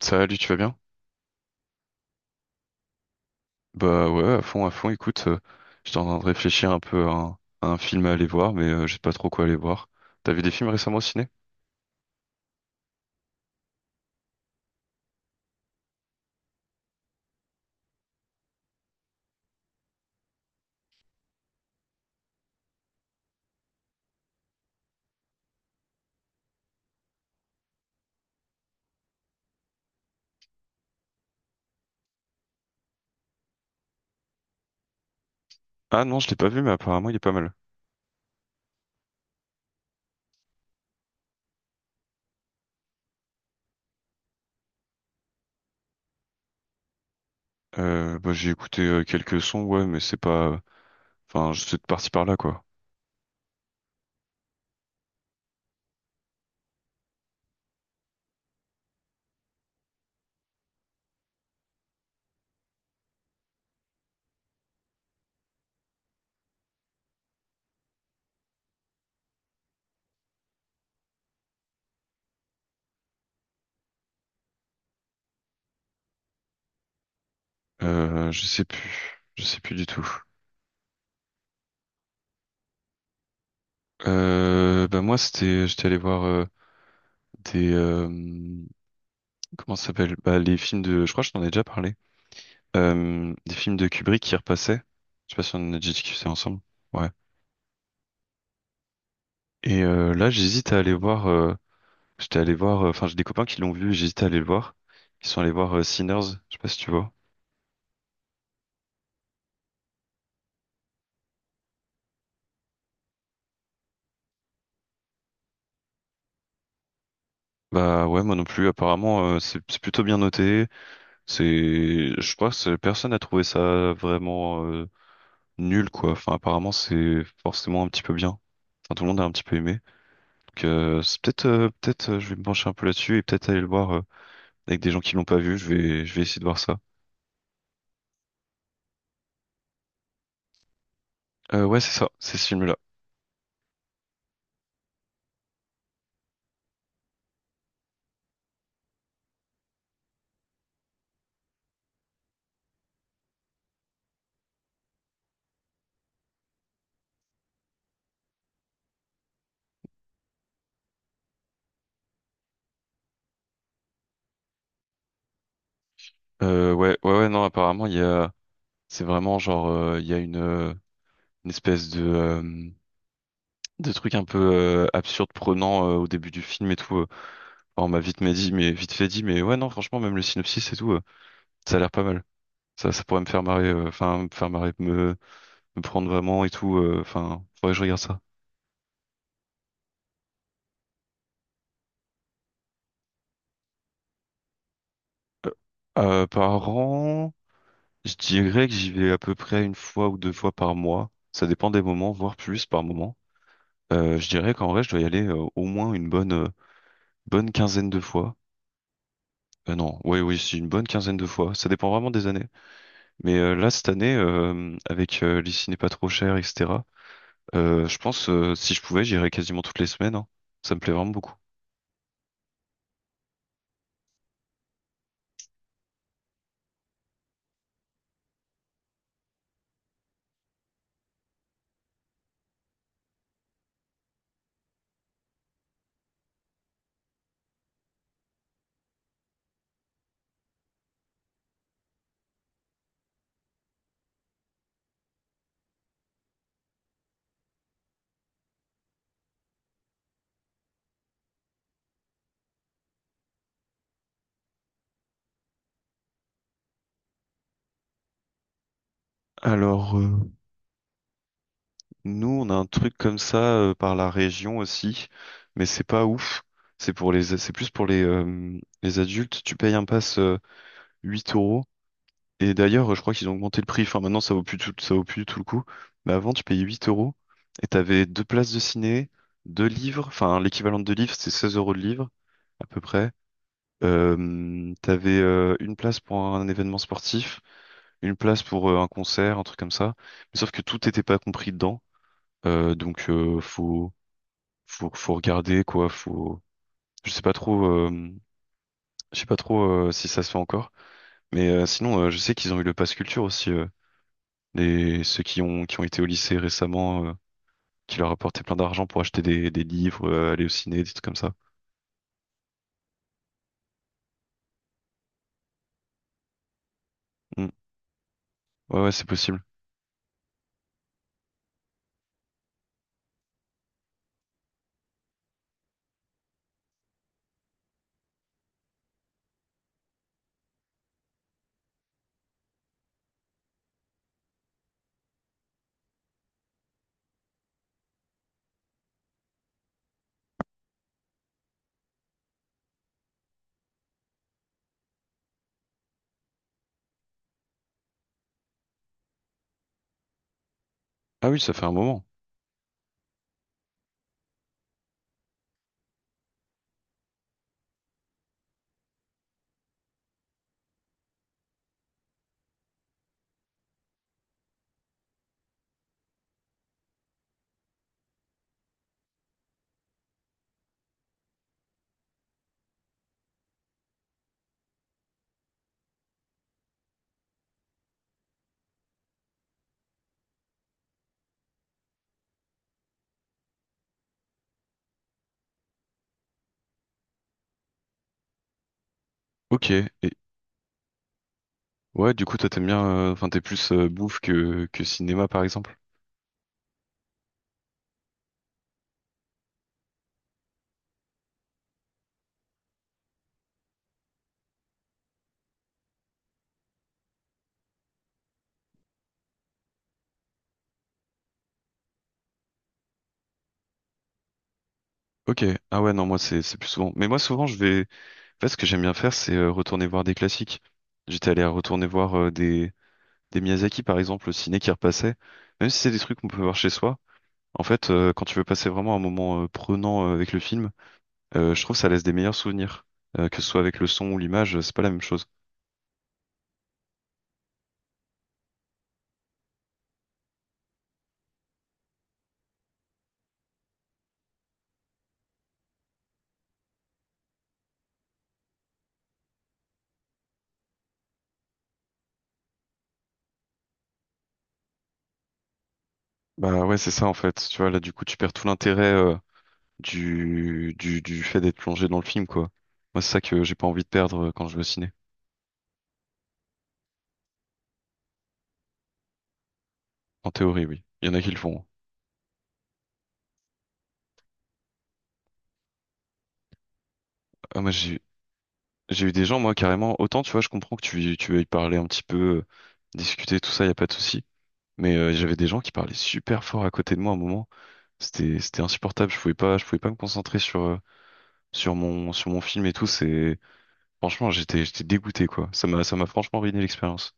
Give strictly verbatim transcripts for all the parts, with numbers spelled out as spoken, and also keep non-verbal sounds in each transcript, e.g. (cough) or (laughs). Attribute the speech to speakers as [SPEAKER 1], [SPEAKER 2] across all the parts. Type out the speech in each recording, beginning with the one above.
[SPEAKER 1] Salut, tu vas bien? Bah ouais, à fond, à fond. Écoute, euh, j'étais en train de réfléchir un peu à un, à un film à aller voir, mais euh, je sais pas trop quoi aller voir. T'as vu des films récemment au ciné? Ah non, je l'ai pas vu, mais apparemment il est pas mal. Euh, bah, j'ai écouté euh, quelques sons, ouais, mais c'est pas. Enfin, je suis parti par là, quoi. Euh, je sais plus, je sais plus du tout. Euh, bah moi, c'était, j'étais allé voir euh, des, euh, comment ça s'appelle? Bah les films de, je crois que je t'en ai déjà parlé. Euh, des films de Kubrick qui repassaient. Je sais pas si on en a déjà discuté ensemble. Ouais. Et euh, là, j'hésite à aller voir. Euh, j'étais allé voir. Euh, Enfin, j'ai des copains qui l'ont vu. Et j'hésite à aller le voir. Ils sont allés voir euh, Sinners. Je sais pas si tu vois. Bah ouais, moi non plus. Apparemment, euh, c'est c'est plutôt bien noté. C'est, je crois que c'est- personne n'a trouvé ça vraiment euh, nul quoi. Enfin, apparemment, c'est forcément un petit peu bien. Enfin, tout le monde a un petit peu aimé. Donc, euh, c'est peut-être, euh, peut-être, euh, je vais me pencher un peu là-dessus et peut-être aller le voir euh, avec des gens qui l'ont pas vu. Je vais, je vais essayer de voir ça. Euh, ouais, c'est ça. C'est ce film-là. Euh, ouais, ouais, ouais. Non, apparemment, il y a. C'est vraiment genre, euh, il y a une, euh, une espèce de, euh, de truc un peu euh, absurde, prenant euh, au début du film et tout. euh. Enfin, on m'a vite, mais dit, mais vite fait dit, mais ouais, non, franchement, même le synopsis et tout, euh, ça a l'air pas mal. Ça, ça pourrait me faire marrer, euh, enfin, me faire marrer, me, me prendre vraiment et tout. euh, Enfin, faudrait que je regarde ça. Euh, euh, par an, je dirais que j'y vais à peu près une fois ou deux fois par mois. Ça dépend des moments, voire plus par moment. Euh, je dirais qu'en vrai, je dois y aller euh, au moins une bonne, euh, bonne quinzaine de fois. Euh, non, oui, oui, c'est une bonne quinzaine de fois. Ça dépend vraiment des années. Mais euh, là, cette année, euh, avec euh, les ciné pas trop chers, et cetera, euh, je pense, euh, si je pouvais, j'irais quasiment toutes les semaines, hein. Ça me plaît vraiment beaucoup. Alors, euh, nous, on a un truc comme ça euh, par la région aussi, mais c'est pas ouf. C'est pour les, c'est plus pour les, euh, les adultes. Tu payes un pass euh, huit euros. Et d'ailleurs, je crois qu'ils ont augmenté le prix. Enfin, maintenant, ça vaut plus tout, ça vaut plus du tout le coup. Mais avant, tu payais huit euros et t'avais deux places de ciné, deux livres. Enfin, l'équivalent de deux livres, c'est seize euros de livre, à peu près. Euh, t'avais euh, une place pour un événement sportif, une place pour euh, un concert, un truc comme ça. Mais sauf que tout n'était pas compris dedans. Euh, donc, euh, faut, faut, faut regarder quoi. Faut, je sais pas trop, euh, je sais pas trop euh, si ça se fait encore. Mais euh, sinon, euh, je sais qu'ils ont eu le pass culture aussi. euh, Les, ceux qui ont, qui ont été au lycée récemment, euh, qui leur apportaient plein d'argent pour acheter des, des livres, euh, aller au ciné, des trucs comme ça. Hmm. Ouais, ouais, c'est possible. Ah oui, ça fait un moment. Ok. Et ouais, du coup, toi, t'aimes bien, euh, enfin, t'es plus euh, bouffe que, que cinéma, par exemple. Ok. Ah ouais, non, moi, c'est, c'est plus souvent. Mais moi, souvent, je vais. En fait, ce que j'aime bien faire, c'est euh, retourner voir des classiques. J'étais allé retourner voir euh, des, des Miyazaki, par exemple, au ciné qui repassaient. Même si c'est des trucs qu'on peut voir chez soi. En fait, euh, quand tu veux passer vraiment un moment euh, prenant euh, avec le film, Euh, je trouve que ça laisse des meilleurs souvenirs. Euh, que ce soit avec le son ou l'image, euh, c'est pas la même chose. Bah ouais, c'est ça en fait. Tu vois, là du coup, tu perds tout l'intérêt euh, du, du, du fait d'être plongé dans le film, quoi. Moi, c'est ça que j'ai pas envie de perdre euh, quand je vais au ciné. En théorie, oui. Il y en a qui le font, hein. Ah, moi, j'ai j'ai eu des gens, moi, carrément. Autant, tu vois, je comprends que tu, tu veuilles parler un petit peu, euh, discuter, tout ça, y a pas de souci. Mais euh, j'avais des gens qui parlaient super fort à côté de moi à un moment. C'était, c'était insupportable. Je pouvais pas, je pouvais pas me concentrer sur, euh, sur mon, sur mon film et tout. C'est. Franchement, j'étais j'étais dégoûté quoi. Ça m'a ça m'a franchement ruiné l'expérience.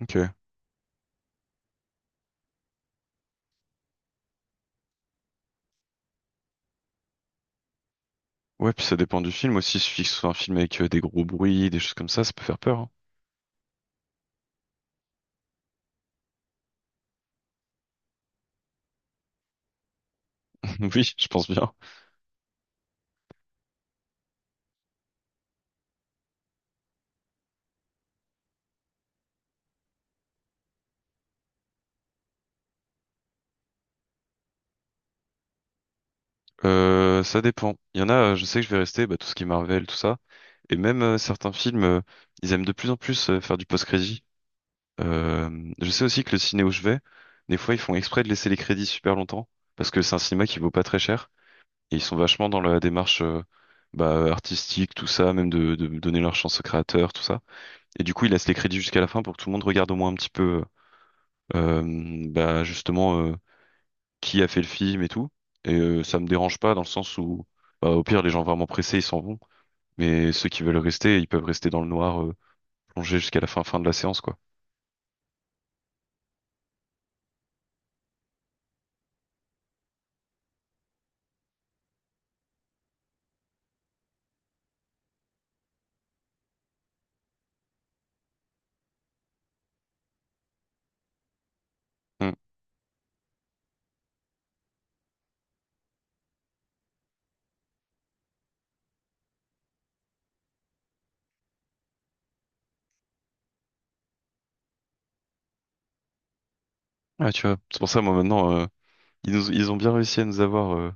[SPEAKER 1] Ok. Ouais, puis ça dépend du film aussi. Il suffit que ce soit un film avec euh, des gros bruits, des choses comme ça, ça peut faire peur, hein. (laughs) Oui, je pense bien. Euh, ça dépend. Il y en a, euh, je sais que je vais rester, bah, tout ce qui est Marvel, tout ça. Et même euh, certains films, euh, ils aiment de plus en plus euh, faire du post-crédit. Euh, je sais aussi que le ciné où je vais, des fois ils font exprès de laisser les crédits super longtemps, parce que c'est un cinéma qui vaut pas très cher. Et ils sont vachement dans la démarche euh, bah, artistique, tout ça, même de, de donner leur chance aux créateurs, tout ça. Et du coup, il laisse les crédits jusqu'à la fin pour que tout le monde regarde au moins un petit peu, euh, bah, justement, euh, qui a fait le film et tout. Et euh, ça me dérange pas dans le sens où, bah, au pire, les gens vraiment pressés, ils s'en vont. Mais ceux qui veulent rester, ils peuvent rester dans le noir, euh, plongés jusqu'à la fin, fin de la séance, quoi. Hmm. Ouais, tu vois. C'est pour ça, moi, maintenant, euh, ils nous- ils ont bien réussi à nous avoir, euh,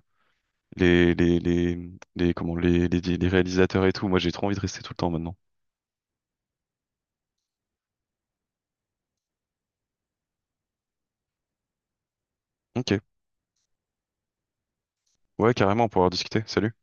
[SPEAKER 1] les, les, les, les, comment, les, les, les réalisateurs et tout. Moi, j'ai trop envie de rester tout le temps maintenant. Ok. Ouais, carrément, pour avoir discuté. Salut.